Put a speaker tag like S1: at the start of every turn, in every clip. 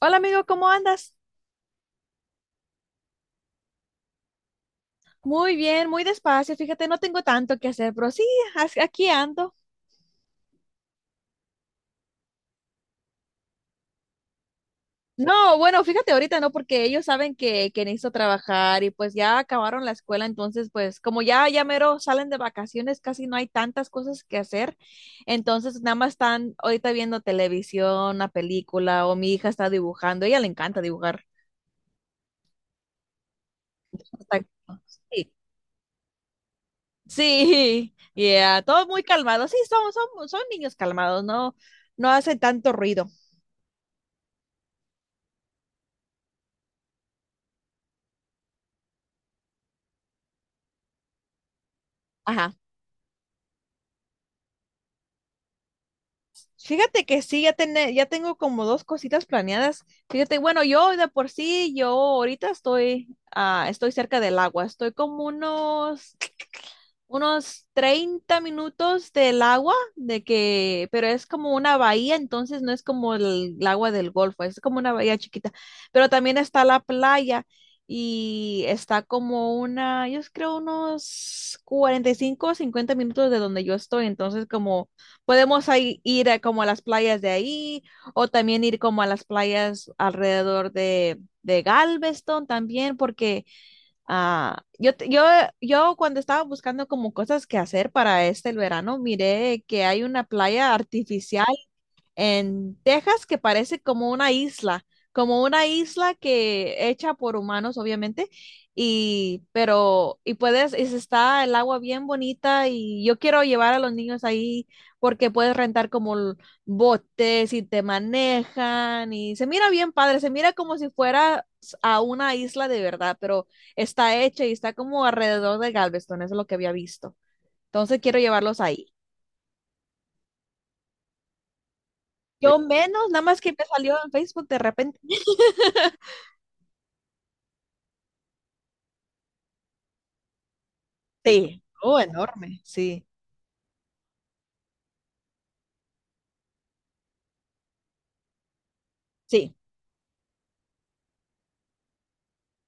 S1: Hola amigo, ¿cómo andas? Muy bien, muy despacio. Fíjate, no tengo tanto que hacer, pero sí, aquí ando. No, bueno, fíjate ahorita, ¿no? Porque ellos saben que necesito trabajar y pues ya acabaron la escuela, entonces pues como ya mero salen de vacaciones, casi no hay tantas cosas que hacer. Entonces nada más están ahorita viendo televisión, una película o mi hija está dibujando, a ella le encanta dibujar. Está- Sí, sí, yeah, todo muy calmado. Sí, son niños calmados, no, no hacen tanto ruido. Ajá. Fíjate que sí, ya tengo como dos cositas planeadas. Fíjate, bueno, yo de por sí, yo ahorita estoy cerca del agua, estoy como unos 30 minutos del agua, de que, pero es como una bahía, entonces no es como el agua del Golfo, es como una bahía chiquita, pero también está la playa y está como una, yo creo unos 45 o 50 minutos de donde yo estoy, entonces como podemos ahí ir a como a las playas de ahí o también ir como a las playas alrededor de Galveston también, porque... Ah, yo, te- yo, yo cuando estaba buscando como cosas que hacer para el verano, miré que hay una playa artificial en Texas que parece como una isla que hecha por humanos, obviamente, y pero y puedes y se está el agua bien bonita y yo quiero llevar a los niños ahí porque puedes rentar como botes y te manejan y se mira bien padre, se mira como si fuera a una isla de verdad, pero está hecha y está como alrededor de Galveston, eso es lo que había visto. Entonces quiero llevarlos ahí. Yo menos, nada más que me salió en Facebook de repente. Sí, oh, enorme, sí. Sí.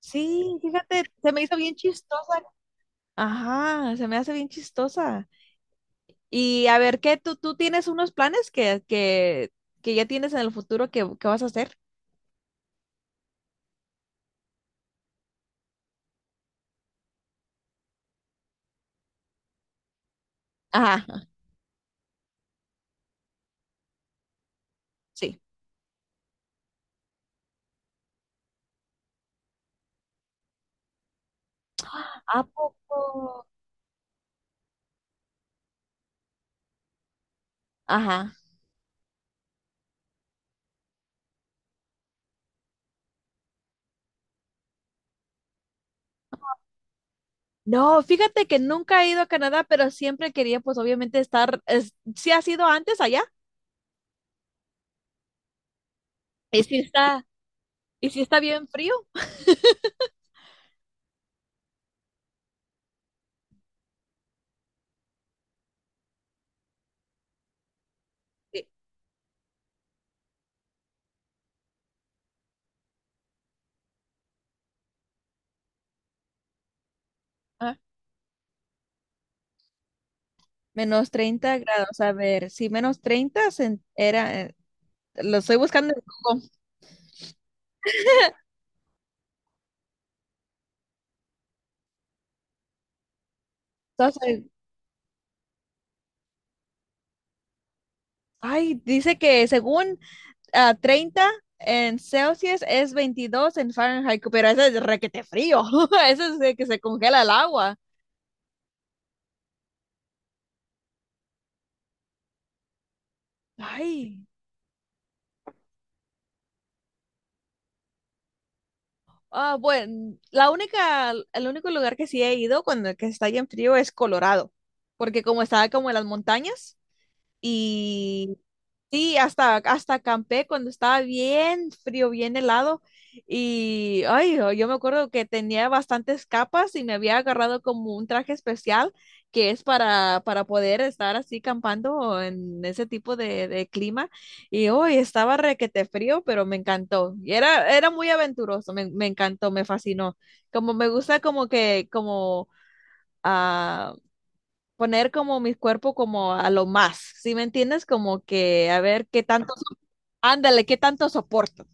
S1: Sí, fíjate, se me hizo bien chistosa. Ajá, se me hace bien chistosa. Y a ver, ¿qué tú tienes unos planes que ya tienes en el futuro que vas a hacer? Ajá, sí. ¿A poco? Ajá. No, fíjate que nunca he ido a Canadá, pero siempre quería, pues obviamente estar, sí ha sido antes allá, y sí está bien frío. Sí. Ah, -30 grados, a ver, sí, menos treinta era, lo estoy buscando en Google. Entonces, ay, dice que según 30 en Celsius es 22 en Fahrenheit, pero ese es requete frío. Eso es de que se congela el agua. Ay. Ah, bueno, la única, el único lugar que sí he ido cuando que está bien frío es Colorado, porque como está como en las montañas, y sí, hasta acampé cuando estaba bien frío, bien helado. Y ay, oh, yo me acuerdo que tenía bastantes capas y me había agarrado como un traje especial que es para poder estar así campando en ese tipo de clima. Y hoy estaba requete frío, pero me encantó. Y era muy aventuroso, me encantó, me fascinó. Como me gusta como que, como ah, poner como mi cuerpo como a lo más, ¿sí me entiendes? Como que a ver qué tanto, ándale, qué tanto soporto.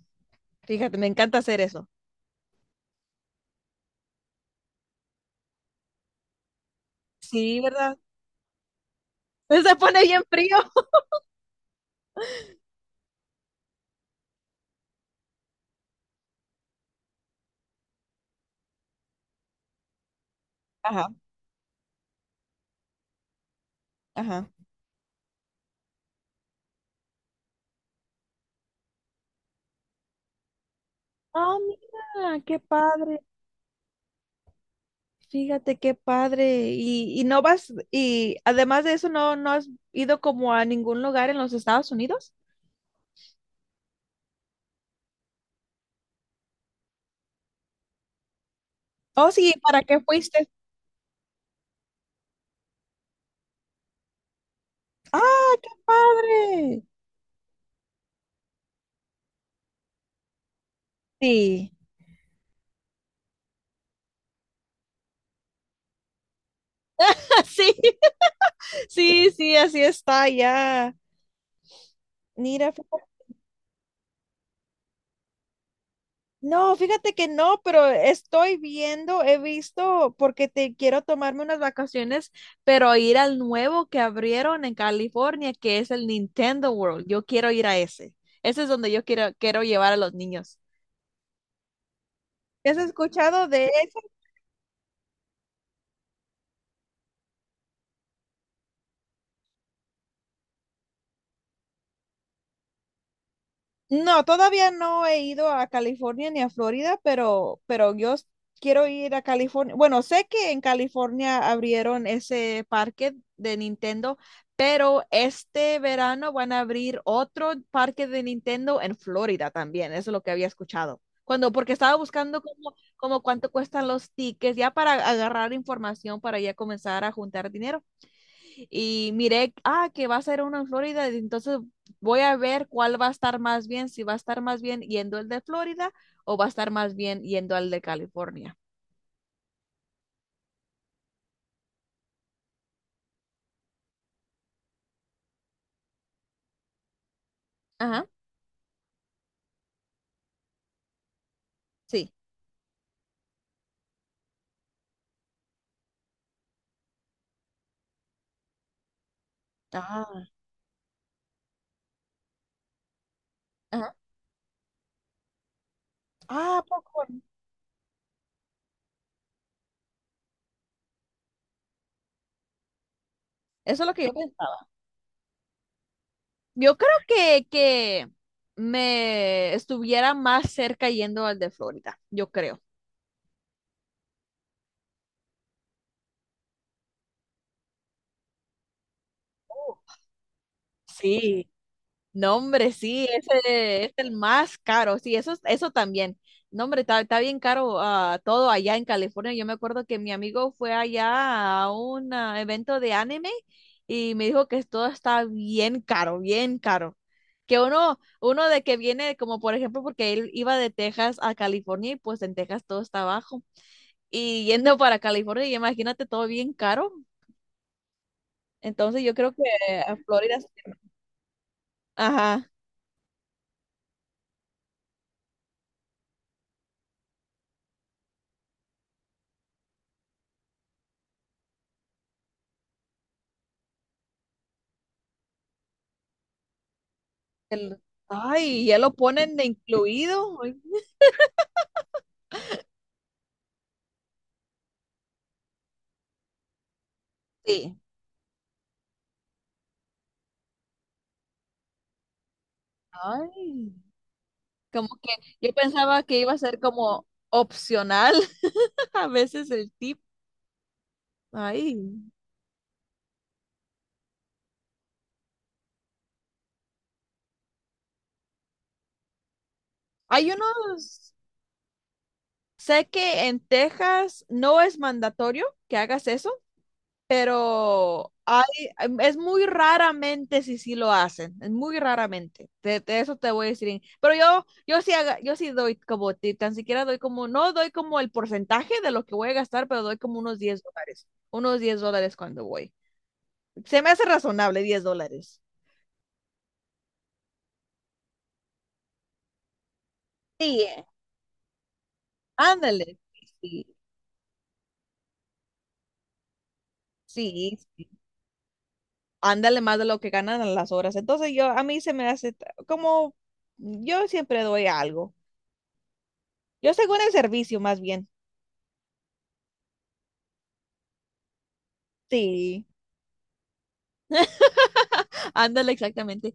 S1: Fíjate, me encanta hacer eso. Sí, ¿verdad? Se pone bien frío. Ajá, ajá. Ah, mira, qué padre. Fíjate qué padre. Y no vas, y además de eso, no, no has ido como a ningún lugar en los Estados Unidos. Oh, sí, ¿para qué fuiste? ¡Ah, padre! Sí. Sí, sí, sí, así está ya. Mira, no, fíjate que no, pero estoy viendo, he visto, porque te quiero tomarme unas vacaciones, pero ir al nuevo que abrieron en California, que es el Nintendo World. Yo quiero ir a ese. Ese es donde yo quiero llevar a los niños. ¿Has escuchado de ese? No, todavía no he ido a California ni a Florida, pero yo quiero ir a California. Bueno, sé que en California abrieron ese parque de Nintendo, pero este verano van a abrir otro parque de Nintendo en Florida también. Eso es lo que había escuchado. Cuando, porque estaba buscando como cuánto cuestan los tickets, ya para agarrar información para ya comenzar a juntar dinero y miré, que va a ser uno en Florida, entonces voy a ver cuál va a estar más bien, si va a estar más bien yendo el de Florida o va a estar más bien yendo al de California. Ajá, sí, ah, ajá. Ah, poco. Eso es lo que yo pensé. Yo creo que me estuviera más cerca yendo al de Florida, yo creo. Sí, no, hombre, sí, ese es el más caro, sí, eso, eso también. No, hombre, está bien caro todo allá en California. Yo me acuerdo que mi amigo fue allá a un evento de anime y me dijo que todo está bien caro, bien caro. Que uno de que viene, como por ejemplo, porque él iba de Texas a California y pues en Texas todo está bajo. Y yendo para California, y imagínate todo bien caro. Entonces yo creo que a Florida, ajá. el- ay, ya lo ponen de incluido. Ay, sí. Ay, como que yo pensaba que iba a ser como opcional a veces el tip. Ay, hay unos, sé que en Texas no es mandatorio que hagas eso, pero hay, es muy raramente si sí lo hacen, es muy raramente, de eso te voy a decir, pero yo sí, yo sí doy como, tan siquiera doy como, no doy como el porcentaje de lo que voy a gastar, pero doy como unos $10, unos $10 cuando voy. Se me hace razonable $10. Sí, ándale, sí, sí, sí. Ándale más de lo que ganan a las horas. Entonces yo, a mí se me hace como, yo siempre doy algo. Yo según el servicio, más bien. Sí. Ándale, exactamente.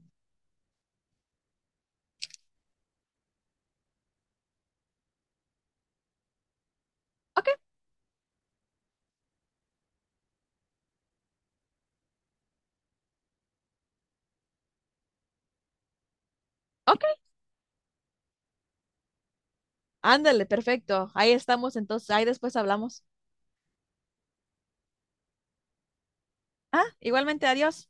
S1: Ok, ok. Ándale, perfecto. Ahí estamos, entonces, ahí después hablamos. Ah, igualmente, adiós.